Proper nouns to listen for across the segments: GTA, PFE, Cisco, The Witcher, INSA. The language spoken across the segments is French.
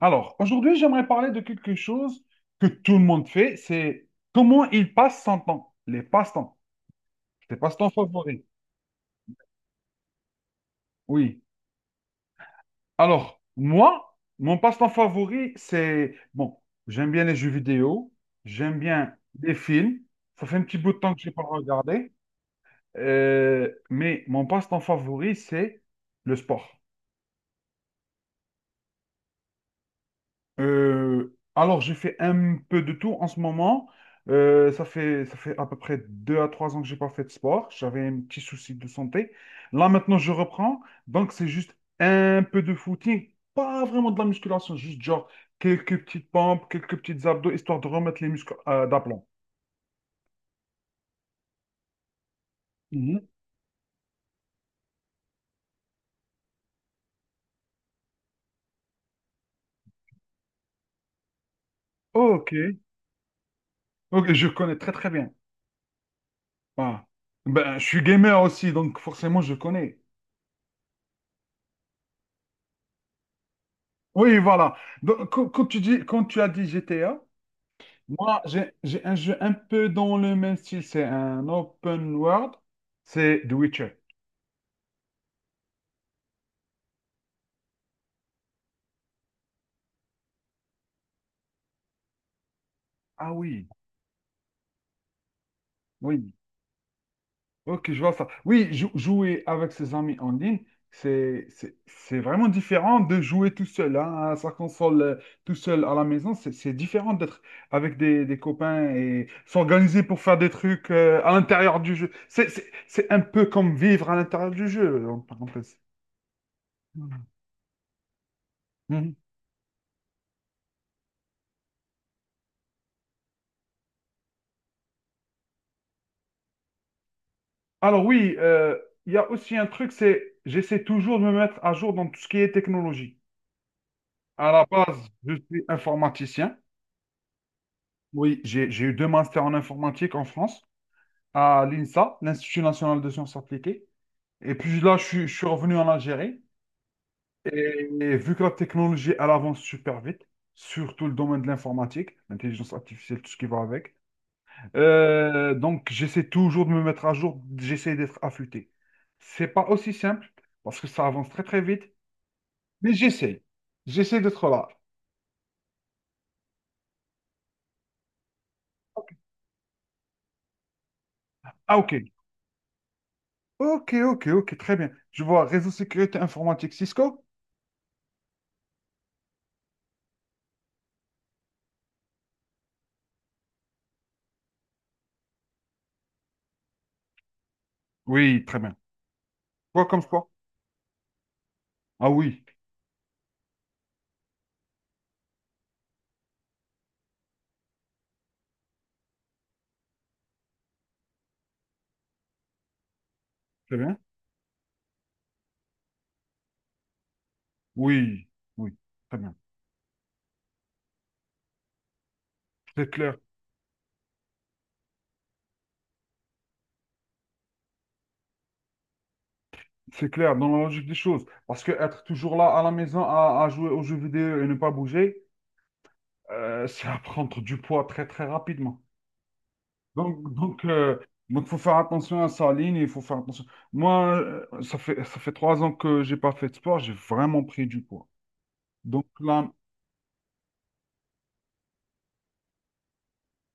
Alors, aujourd'hui, j'aimerais parler de quelque chose que tout le monde fait, c'est comment il passe son temps, les passe-temps, tes passe-temps favoris. Oui. Alors, moi, mon passe-temps favori, c'est, bon, j'aime bien les jeux vidéo, j'aime bien les films, ça fait un petit bout de temps que je n'ai pas regardé. Mais mon passe-temps favori, c'est le sport. Alors, j'ai fait un peu de tout en ce moment. Ça fait à peu près deux à trois ans que j'ai pas fait de sport. J'avais un petit souci de santé. Là, maintenant, je reprends. Donc, c'est juste un peu de footing, pas vraiment de la musculation, juste genre quelques petites pompes, quelques petites abdos, histoire de remettre les muscles d'aplomb. Mhm. Ok, ok, je connais très très bien. Ah. Ben, je suis gamer aussi, donc forcément, je connais. Oui, voilà. Donc, quand tu dis, quand tu as dit GTA, moi, j'ai un jeu un peu dans le même style. C'est un open world. C'est The Witcher. Ah oui, oui. Ok, je vois ça. Oui, jouer avec ses amis en ligne, c'est vraiment différent de jouer tout seul hein, à sa console, tout seul à la maison. C'est différent d'être avec des copains et s'organiser pour faire des trucs à l'intérieur du jeu. C'est un peu comme vivre à l'intérieur du jeu, en parenthèse. Mhm. Alors oui, il y a aussi un truc, c'est j'essaie toujours de me mettre à jour dans tout ce qui est technologie. À la base, je suis informaticien. Oui, j'ai eu deux masters en informatique en France, à l'INSA, l'Institut national de sciences appliquées. Et puis là, je suis revenu en Algérie. Et vu que la technologie, elle avance super vite, surtout le domaine de l'informatique, l'intelligence artificielle, tout ce qui va avec. Donc, j'essaie toujours de me mettre à jour, j'essaie d'être affûté. C'est pas aussi simple parce que ça avance très très vite. Mais j'essaie. J'essaie d'être là. Ok. Ah, ok. Ok, ok, ok, très bien. Je vois réseau sécurité informatique Cisco? Oui, très bien. Quoi comme sport? Ah oui, très bien. Oui, oui, très bien. C'est clair, c'est clair dans la logique des choses. Parce que être toujours là à la maison à jouer aux jeux vidéo et ne pas bouger, c'est à prendre du poids très, très rapidement. Donc, donc, euh, donc, faut faire attention à sa ligne, il faut faire attention. Moi, ça fait trois ans que j'ai pas fait de sport, j'ai vraiment pris du poids. Donc là,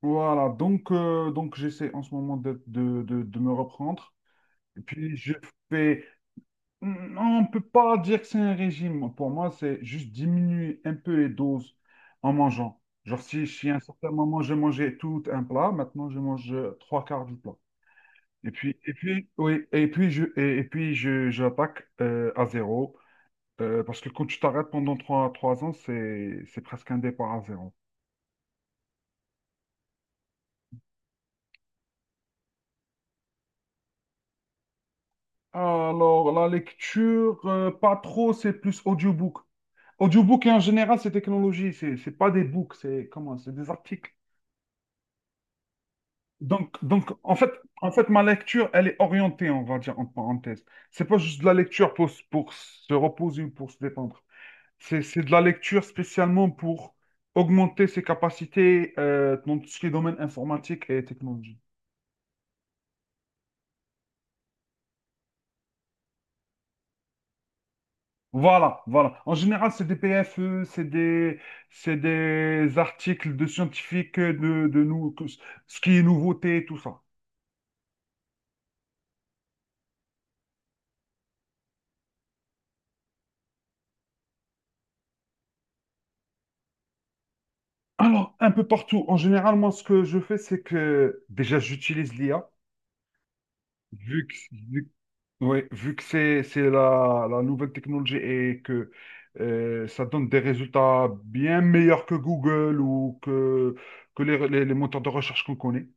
voilà, donc j'essaie en ce moment de me reprendre. Et puis je fais... Non, on ne peut pas dire que c'est un régime. Pour moi, c'est juste diminuer un peu les doses en mangeant. Genre si à un certain moment, je mangeais tout un plat, maintenant je mange trois quarts du plat. Et puis, oui, et puis je, j'attaque à zéro. Parce que quand tu t'arrêtes pendant trois ans, c'est presque un départ à zéro. Alors, la lecture, pas trop, c'est plus audiobook. Audiobook et en général, ces technologies, c'est pas des books, c'est comment, c'est des articles. Donc en fait, ma lecture, elle est orientée, on va dire, en parenthèse. C'est pas juste de la lecture pour, pour se reposer ou pour se détendre. C'est de la lecture spécialement pour augmenter ses capacités dans tout ce qui est domaine informatique et technologie. Voilà, voilà. En général, c'est des PFE, c'est des articles de scientifiques, de nous, ce qui est nouveauté, tout ça. Alors, un peu partout. En général, moi, ce que je fais, c'est que déjà, j'utilise l'IA, vu que, vu, ouais, vu que c'est la, la nouvelle technologie et que ça donne des résultats bien meilleurs que Google que les moteurs de recherche qu'on connaît.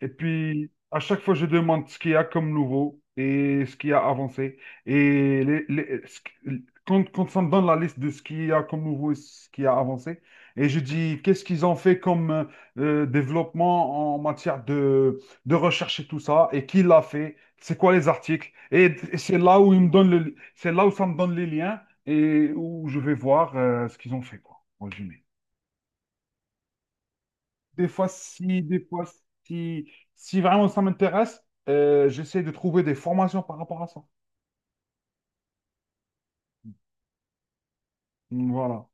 Et puis, à chaque fois, je demande ce qu'il y a comme nouveau et ce qui a avancé. Et quand ça me donne la liste de ce qu'il y a comme nouveau et ce qui a avancé, et je dis qu'est-ce qu'ils ont fait comme développement en matière de recherche et tout ça, et qui l'a fait, c'est quoi les articles. Et c'est là où ça me donne les liens et où je vais voir ce qu'ils ont fait, quoi, en résumé. Des fois, si, si vraiment ça m'intéresse, j'essaie de trouver des formations par rapport à ça. Voilà.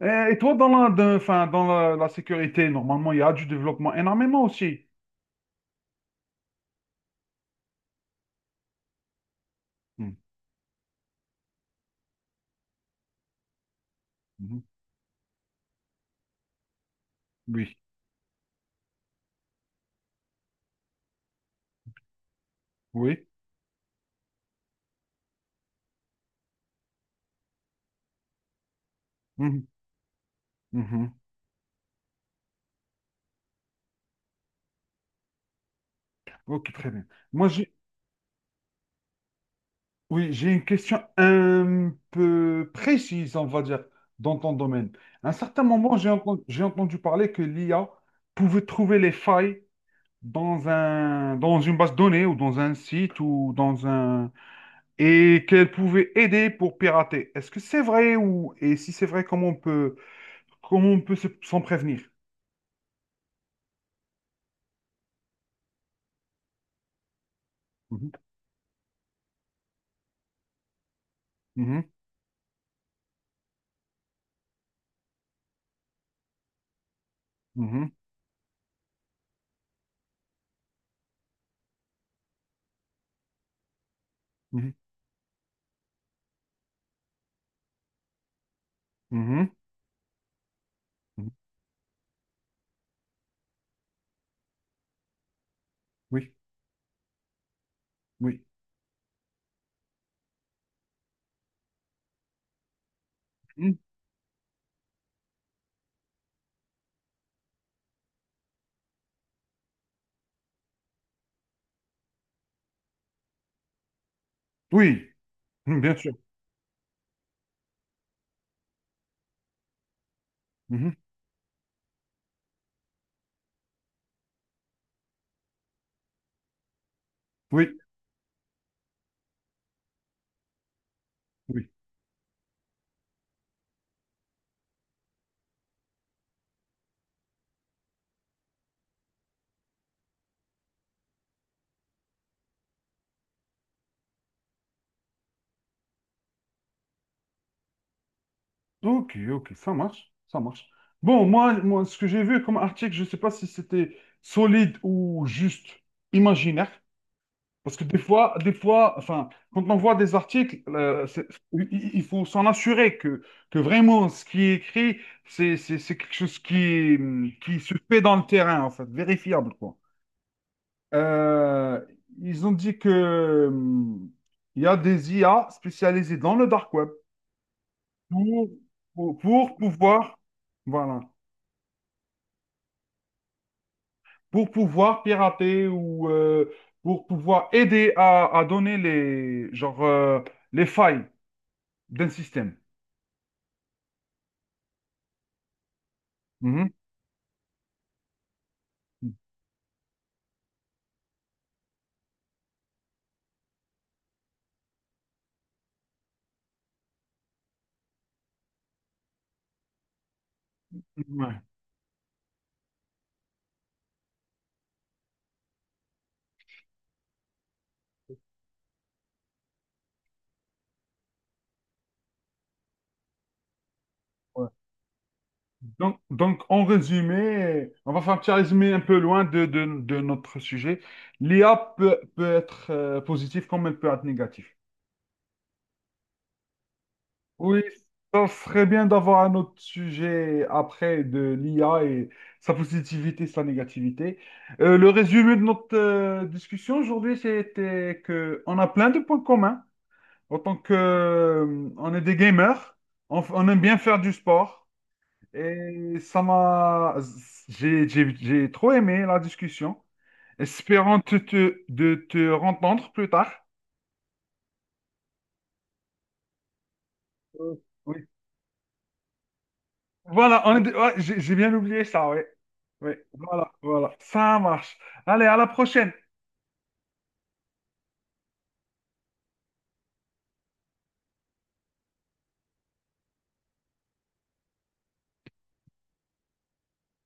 Et toi, dans la, de- enfin, dans la, la sécurité, normalement, il y a du développement énormément aussi. Hmm, mhm. Oui, oui. Mhm, mhm. Ok, très bien. Moi, j'ai une question un peu précise, on va dire, dans ton domaine. À un certain moment, j'ai entendu parler que l'IA pouvait trouver les failles dans dans une base de données ou dans un site ou dans un... et qu'elle pouvait aider pour pirater. Est-ce que c'est vrai ou... Et si c'est vrai, comment on peut s'en prévenir? Mhm, mhm, mhm, mhm, mhm, mhm. Oui, oui. Mhm. Oui, mhm, bien sûr. Mhm. Oui, oui. Ok, ok, ça marche, ça marche. Bon, moi, ce que j'ai vu comme article, je ne sais pas si c'était solide ou juste imaginaire. Parce que des fois, enfin, quand on voit des articles, il faut s'en assurer que vraiment ce qui est écrit, c'est quelque chose qui se fait dans le terrain, en fait, vérifiable, quoi. Euh, ils ont dit que, il y a des IA spécialisées dans le dark web pour, pour pouvoir, voilà, pour pouvoir pirater ou pour pouvoir aider à donner les, les failles d'un système. Mhm. Ouais. Ouais. Donc, en résumé, on va faire un petit résumé un peu loin de notre sujet. L'IA peut être positive comme elle peut être négative. Oui, ça serait bien d'avoir un autre sujet après de l'IA et sa positivité, sa négativité. Le résumé de notre discussion aujourd'hui, c'était que on a plein de points communs. En tant que, on est des gamers, on aime bien faire du sport. Et ça m'a, j'ai trop aimé la discussion. Espérant de te rencontrer plus tard. Mm. Oui. Voilà, j'ai bien oublié ça, oui. Oui, voilà, voilà. Ça marche. Allez, à la prochaine.